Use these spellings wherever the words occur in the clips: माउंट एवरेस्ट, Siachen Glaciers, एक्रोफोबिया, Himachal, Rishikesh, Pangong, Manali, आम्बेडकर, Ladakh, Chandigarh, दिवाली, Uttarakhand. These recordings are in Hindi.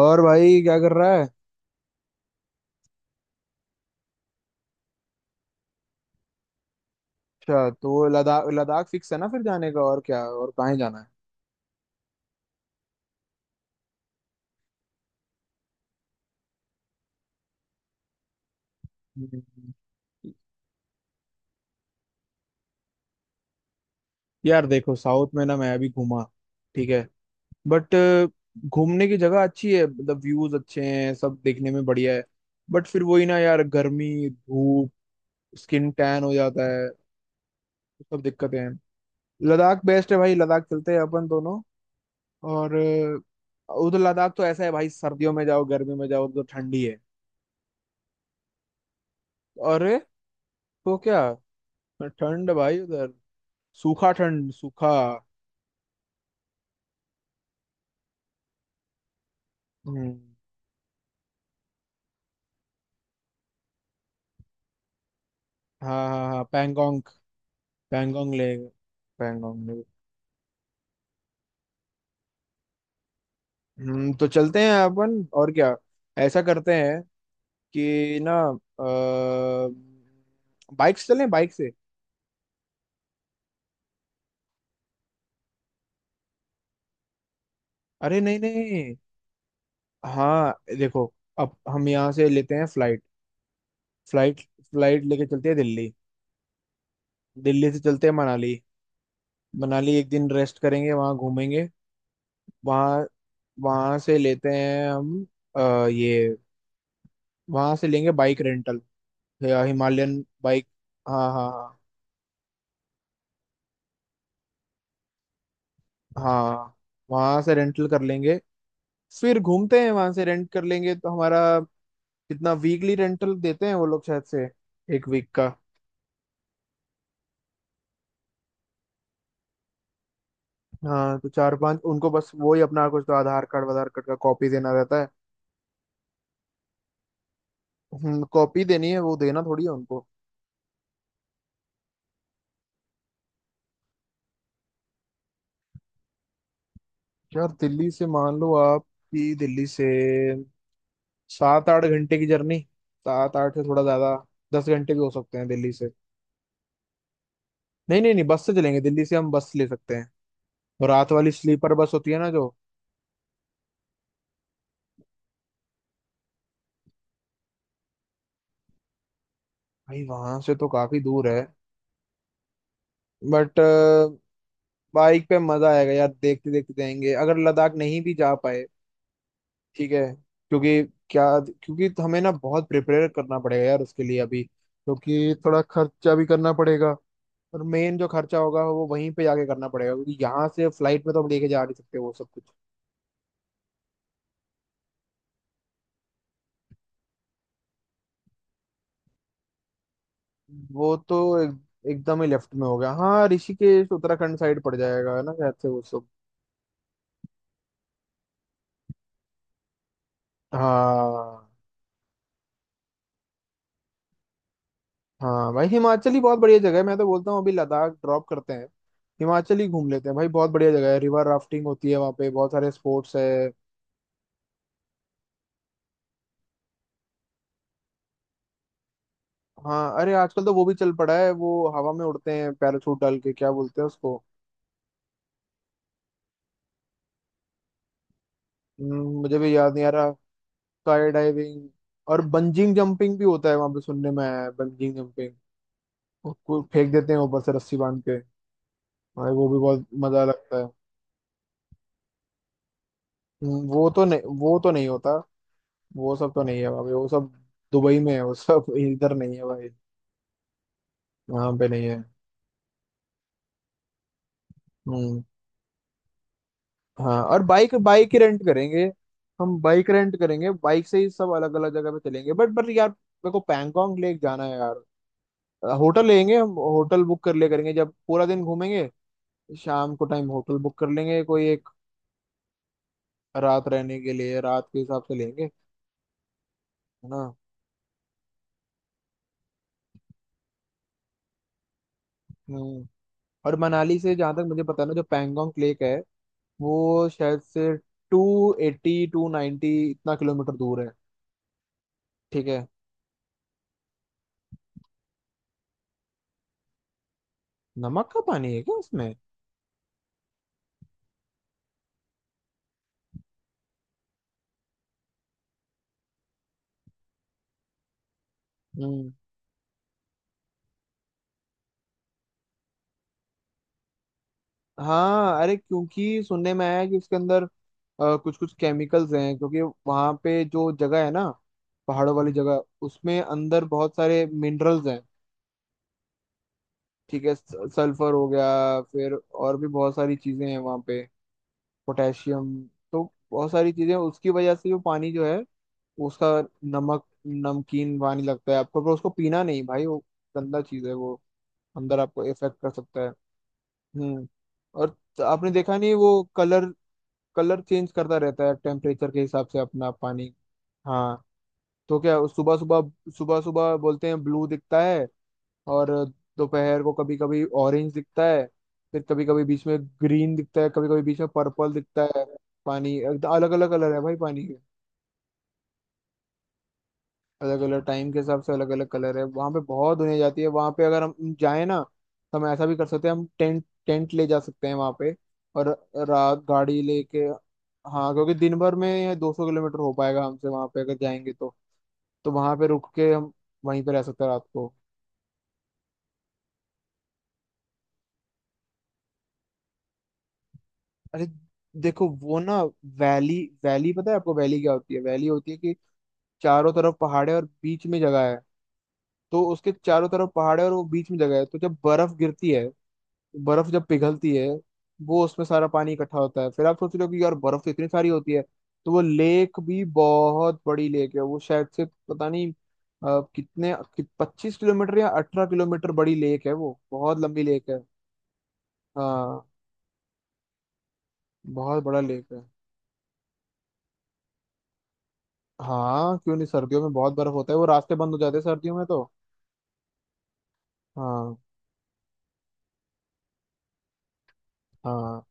और भाई क्या कर रहा है? अच्छा, तो वो लद्दाख लद्दाख फिक्स है ना फिर जाने का? और क्या, और कहाँ जाना है? हम्म। यार देखो, साउथ में ना मैं अभी घूमा, ठीक है, बट घूमने की जगह अच्छी है, मतलब व्यूज अच्छे हैं, सब देखने में बढ़िया है। बट फिर वही ना यार, गर्मी धूप, स्किन टैन हो जाता है, सब दिक्कतें हैं। लद्दाख बेस्ट है भाई, लद्दाख चलते हैं अपन दोनों। और उधर लद्दाख तो ऐसा है भाई, सर्दियों में जाओ गर्मी में जाओ, उधर तो ठंडी है। अरे तो क्या, ठंड भाई उधर, सूखा ठंड सूखा। हम्म, हाँ हाँ हाँ, पैंगोंग। पैंगोंग ले पैंगोंग ले। तो चलते हैं अपन, और क्या? ऐसा करते हैं कि ना, बाइक से चलें, बाइक से। अरे नहीं नहीं, हाँ देखो, अब हम यहाँ से लेते हैं फ्लाइट। फ्लाइट, फ्लाइट लेके चलते हैं दिल्ली। दिल्ली से चलते हैं मनाली। मनाली एक दिन रेस्ट करेंगे, वहाँ घूमेंगे। वहाँ, वहाँ से लेते हैं हम ये, वहाँ से लेंगे बाइक रेंटल, तो या हिमालयन बाइक। हाँ हाँ हाँ हाँ, वहां से रेंटल कर लेंगे, फिर घूमते हैं, वहां से रेंट कर लेंगे तो हमारा। कितना वीकली रेंटल देते हैं वो लोग शायद से, एक वीक का? हाँ, तो चार पांच उनको बस वो ही अपना कुछ तो आधार कार्ड वाधार कार्ड का कॉपी देना रहता है। कॉपी देनी है, वो देना थोड़ी है उनको। यार दिल्ली से मान लो आप कि दिल्ली से 7 8 घंटे की जर्नी, सात आठ से थोड़ा ज्यादा, 10 घंटे भी हो सकते हैं दिल्ली से। नहीं नहीं नहीं, बस से चलेंगे, दिल्ली से हम बस ले सकते हैं। रात वाली स्लीपर बस होती है ना जो। भाई वहां से तो काफी दूर है, बट बाइक पे मजा आएगा यार, देखते देखते जाएंगे, अगर लद्दाख नहीं भी जा पाए ठीक है। क्योंकि क्या क्योंकि हमें ना बहुत प्रिपेयर करना पड़ेगा यार उसके लिए अभी, क्योंकि थोड़ा खर्चा भी करना पड़ेगा। और मेन जो खर्चा होगा वो वहीं पे जाके करना पड़ेगा, क्योंकि यहाँ से फ्लाइट में तो हम लेके जा नहीं सकते वो सब कुछ। वो तो एक, एकदम ही लेफ्ट में हो गया, हाँ, ऋषिकेश उत्तराखंड साइड पड़ जाएगा है ना शायद से वो सब। हाँ हाँ भाई, हिमाचल ही बहुत बढ़िया जगह है, मैं तो बोलता हूँ अभी लद्दाख ड्रॉप करते हैं, हिमाचल ही घूम लेते हैं भाई। बहुत बढ़िया जगह है, रिवर राफ्टिंग होती है वहाँ पे, बहुत सारे स्पोर्ट्स है। हाँ, अरे आजकल तो वो भी चल पड़ा है, वो हवा में उड़ते हैं पैराशूट डाल के, क्या बोलते हैं उसको? मुझे भी याद नहीं आ रहा। Sky diving. और बंजिंग जंपिंग भी होता है वहाँ पे, सुनने में आया है, बंजिंग जंपिंग। वो फेंक देते हैं ऊपर से रस्सी बांध के। भाई वो भी बहुत मजा लगता है। वो तो नहीं होता, वो सब तो नहीं है भाई वो सब, दुबई में है वो सब, इधर नहीं है भाई, यहाँ पे नहीं है। हम्म, हाँ, और बाइक बाइक ही रेंट करेंगे, हम बाइक रेंट करेंगे, बाइक से ही सब अलग अलग जगह पे चलेंगे। बट यार मेरे को पैंगोंग लेक जाना है यार। होटल लेंगे हम, होटल बुक कर ले करेंगे, जब पूरा दिन घूमेंगे, शाम को टाइम होटल बुक कर लेंगे कोई एक, रात रहने के लिए, रात के हिसाब से लेंगे, है ना? हम्म और मनाली से जहाँ तक मुझे पता है ना, जो पैंगोंग लेक है, वो शायद से 280 290 इतना किलोमीटर दूर है। ठीक है। नमक का पानी है क्या उसमें? हम्म, हाँ, अरे क्योंकि सुनने में आया है कि उसके अंदर कुछ कुछ केमिकल्स हैं, क्योंकि वहां पे जो जगह है ना, पहाड़ों वाली जगह, उसमें अंदर बहुत सारे मिनरल्स हैं। ठीक है, सल्फर हो गया फिर और भी बहुत सारी चीजें हैं वहां पे, पोटेशियम, तो बहुत सारी चीजें हैं। उसकी वजह से जो पानी जो है उसका, नमक नमकीन पानी लगता है आपको, पर उसको पीना नहीं भाई, वो गंदा चीज है वो, अंदर आपको इफेक्ट कर सकता है। हम्म और आपने देखा नहीं वो कलर? कलर चेंज करता रहता है टेम्परेचर के हिसाब से अपना पानी। हाँ, तो क्या, सुबह सुबह, सुबह सुबह बोलते हैं ब्लू दिखता है, और दोपहर को कभी कभी ऑरेंज दिखता है, फिर कभी कभी बीच में ग्रीन दिखता है, कभी कभी बीच में पर्पल दिखता है। पानी अलग अलग कलर है भाई, पानी अलग अलग टाइम के हिसाब से अलग अलग कलर है। वहां पे बहुत दुनिया जाती है, वहां पे अगर हम जाए ना, तो हम ऐसा भी कर सकते हैं, हम टेंट टेंट ले जा सकते हैं वहां पे, और रात गाड़ी लेके। हाँ, क्योंकि दिन भर में 200 किलोमीटर हो पाएगा हमसे, वहां पे अगर जाएंगे तो वहां पे रुक के हम वहीं पे रह सकते हैं रात को। अरे देखो वो ना, वैली, वैली पता है आपको? वैली क्या होती है? वैली होती है कि चारों तरफ पहाड़े और बीच में जगह है, तो उसके चारों तरफ पहाड़े और वो बीच में जगह है, तो जब बर्फ गिरती है, बर्फ जब पिघलती है, वो उसमें सारा पानी इकट्ठा होता है। फिर आप सोच रहे हो कि यार बर्फ तो इतनी सारी होती है, तो वो लेक भी बहुत बड़ी लेक है, वो शायद से पता नहीं कितने 25 किलोमीटर या 18 किलोमीटर बड़ी लेक है, वो बहुत लंबी लेक है। हाँ, बहुत बड़ा लेक है। हाँ क्यों नहीं, सर्दियों में बहुत बर्फ होता है, वो रास्ते बंद हो जाते हैं सर्दियों में तो। हाँ, हाँ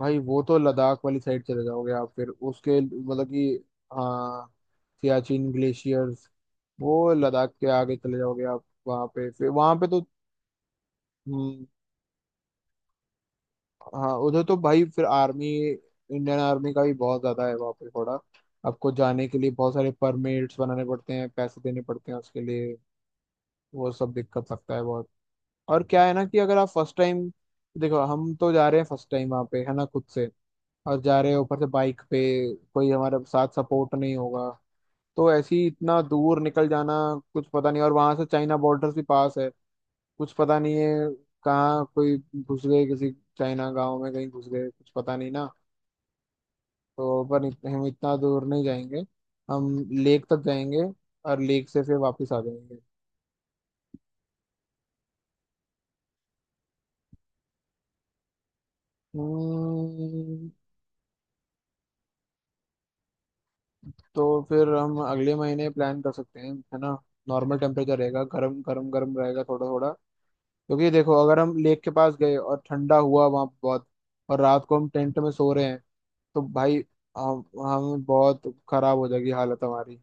भाई वो तो लद्दाख वाली साइड चले जाओगे आप, फिर उसके मतलब कि, हाँ, सियाचिन ग्लेशियर्स, वो लद्दाख के आगे चले जाओगे आप, वहाँ पे फिर वहाँ पे तो। हम्म, हाँ, उधर तो भाई फिर आर्मी, इंडियन आर्मी का भी बहुत ज्यादा है वहाँ पे थोड़ा। आपको जाने के लिए बहुत सारे परमिट्स बनाने पड़ते हैं, पैसे देने पड़ते हैं उसके लिए, वो सब दिक्कत लगता है बहुत। और क्या है ना, कि अगर आप फर्स्ट टाइम, देखो हम तो जा रहे हैं फर्स्ट टाइम वहाँ पे है ना खुद से, और जा रहे हैं ऊपर से बाइक पे, कोई हमारे साथ सपोर्ट नहीं होगा, तो ऐसे ही इतना दूर निकल जाना, कुछ पता नहीं, और वहां से चाइना बॉर्डर भी पास है, कुछ पता नहीं है कहाँ कोई घुस गए किसी चाइना गांव में कहीं, घुस गए कुछ पता नहीं ना। तो पर हम इतना दूर नहीं जाएंगे, हम लेक तक जाएंगे, और लेक से फिर वापस आ जाएंगे। हम्म, तो फिर हम अगले महीने प्लान कर सकते हैं है ना, नॉर्मल टेम्परेचर रहेगा, गर्म गर्म गर्म रहेगा थोड़ा थोड़ा, क्योंकि देखो अगर हम लेक के पास गए और ठंडा हुआ वहाँ बहुत, और रात को हम टेंट में सो रहे हैं तो भाई, हम बहुत खराब हो जाएगी हालत हमारी।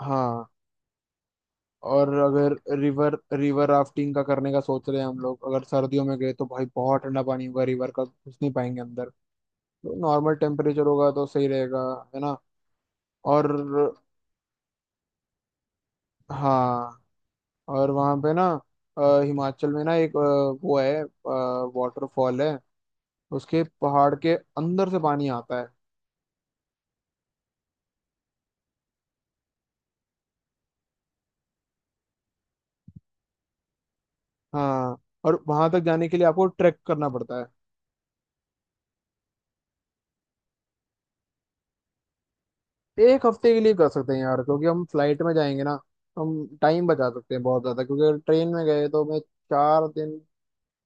हाँ, और अगर रिवर रिवर राफ्टिंग का करने का सोच रहे हैं हम लोग, अगर सर्दियों में गए तो भाई बहुत ठंडा पानी होगा रिवर का, घुस नहीं पाएंगे अंदर, तो नॉर्मल टेम्परेचर होगा तो सही रहेगा है ना। और हाँ, और वहाँ पे ना, हिमाचल में ना एक वो है, वाटरफॉल है, उसके पहाड़ के अंदर से पानी आता है। हाँ, और वहां तक जाने के लिए आपको ट्रैक करना पड़ता है। एक हफ्ते के लिए कर सकते हैं यार, क्योंकि हम फ्लाइट में जाएंगे ना, तो हम टाइम बचा सकते हैं बहुत ज्यादा, क्योंकि ट्रेन में गए तो हमें 4 दिन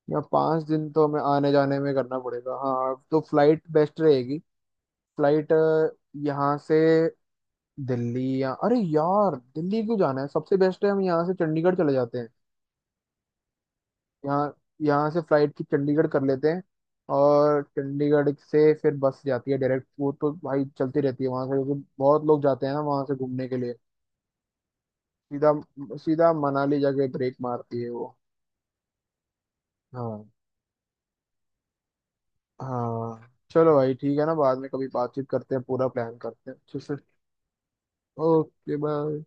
या 5 दिन तो हमें आने जाने में करना पड़ेगा। हाँ, तो फ्लाइट बेस्ट रहेगी। फ्लाइट यहाँ से दिल्ली या, अरे यार दिल्ली क्यों जाना है, सबसे बेस्ट है हम यहाँ से चंडीगढ़ चले जाते हैं, यहाँ, यहाँ से फ्लाइट की चंडीगढ़ कर लेते हैं, और चंडीगढ़ से फिर बस जाती है डायरेक्ट, वो तो भाई चलती रहती है वहां से, क्योंकि बहुत लोग जाते हैं ना वहां से घूमने के लिए। सीधा, सीधा मनाली जाके ब्रेक मारती है वो। हाँ, हाँ चलो भाई ठीक है ना, बाद में कभी बातचीत करते हैं पूरा प्लान करते हैं अच्छे से। Okay bye.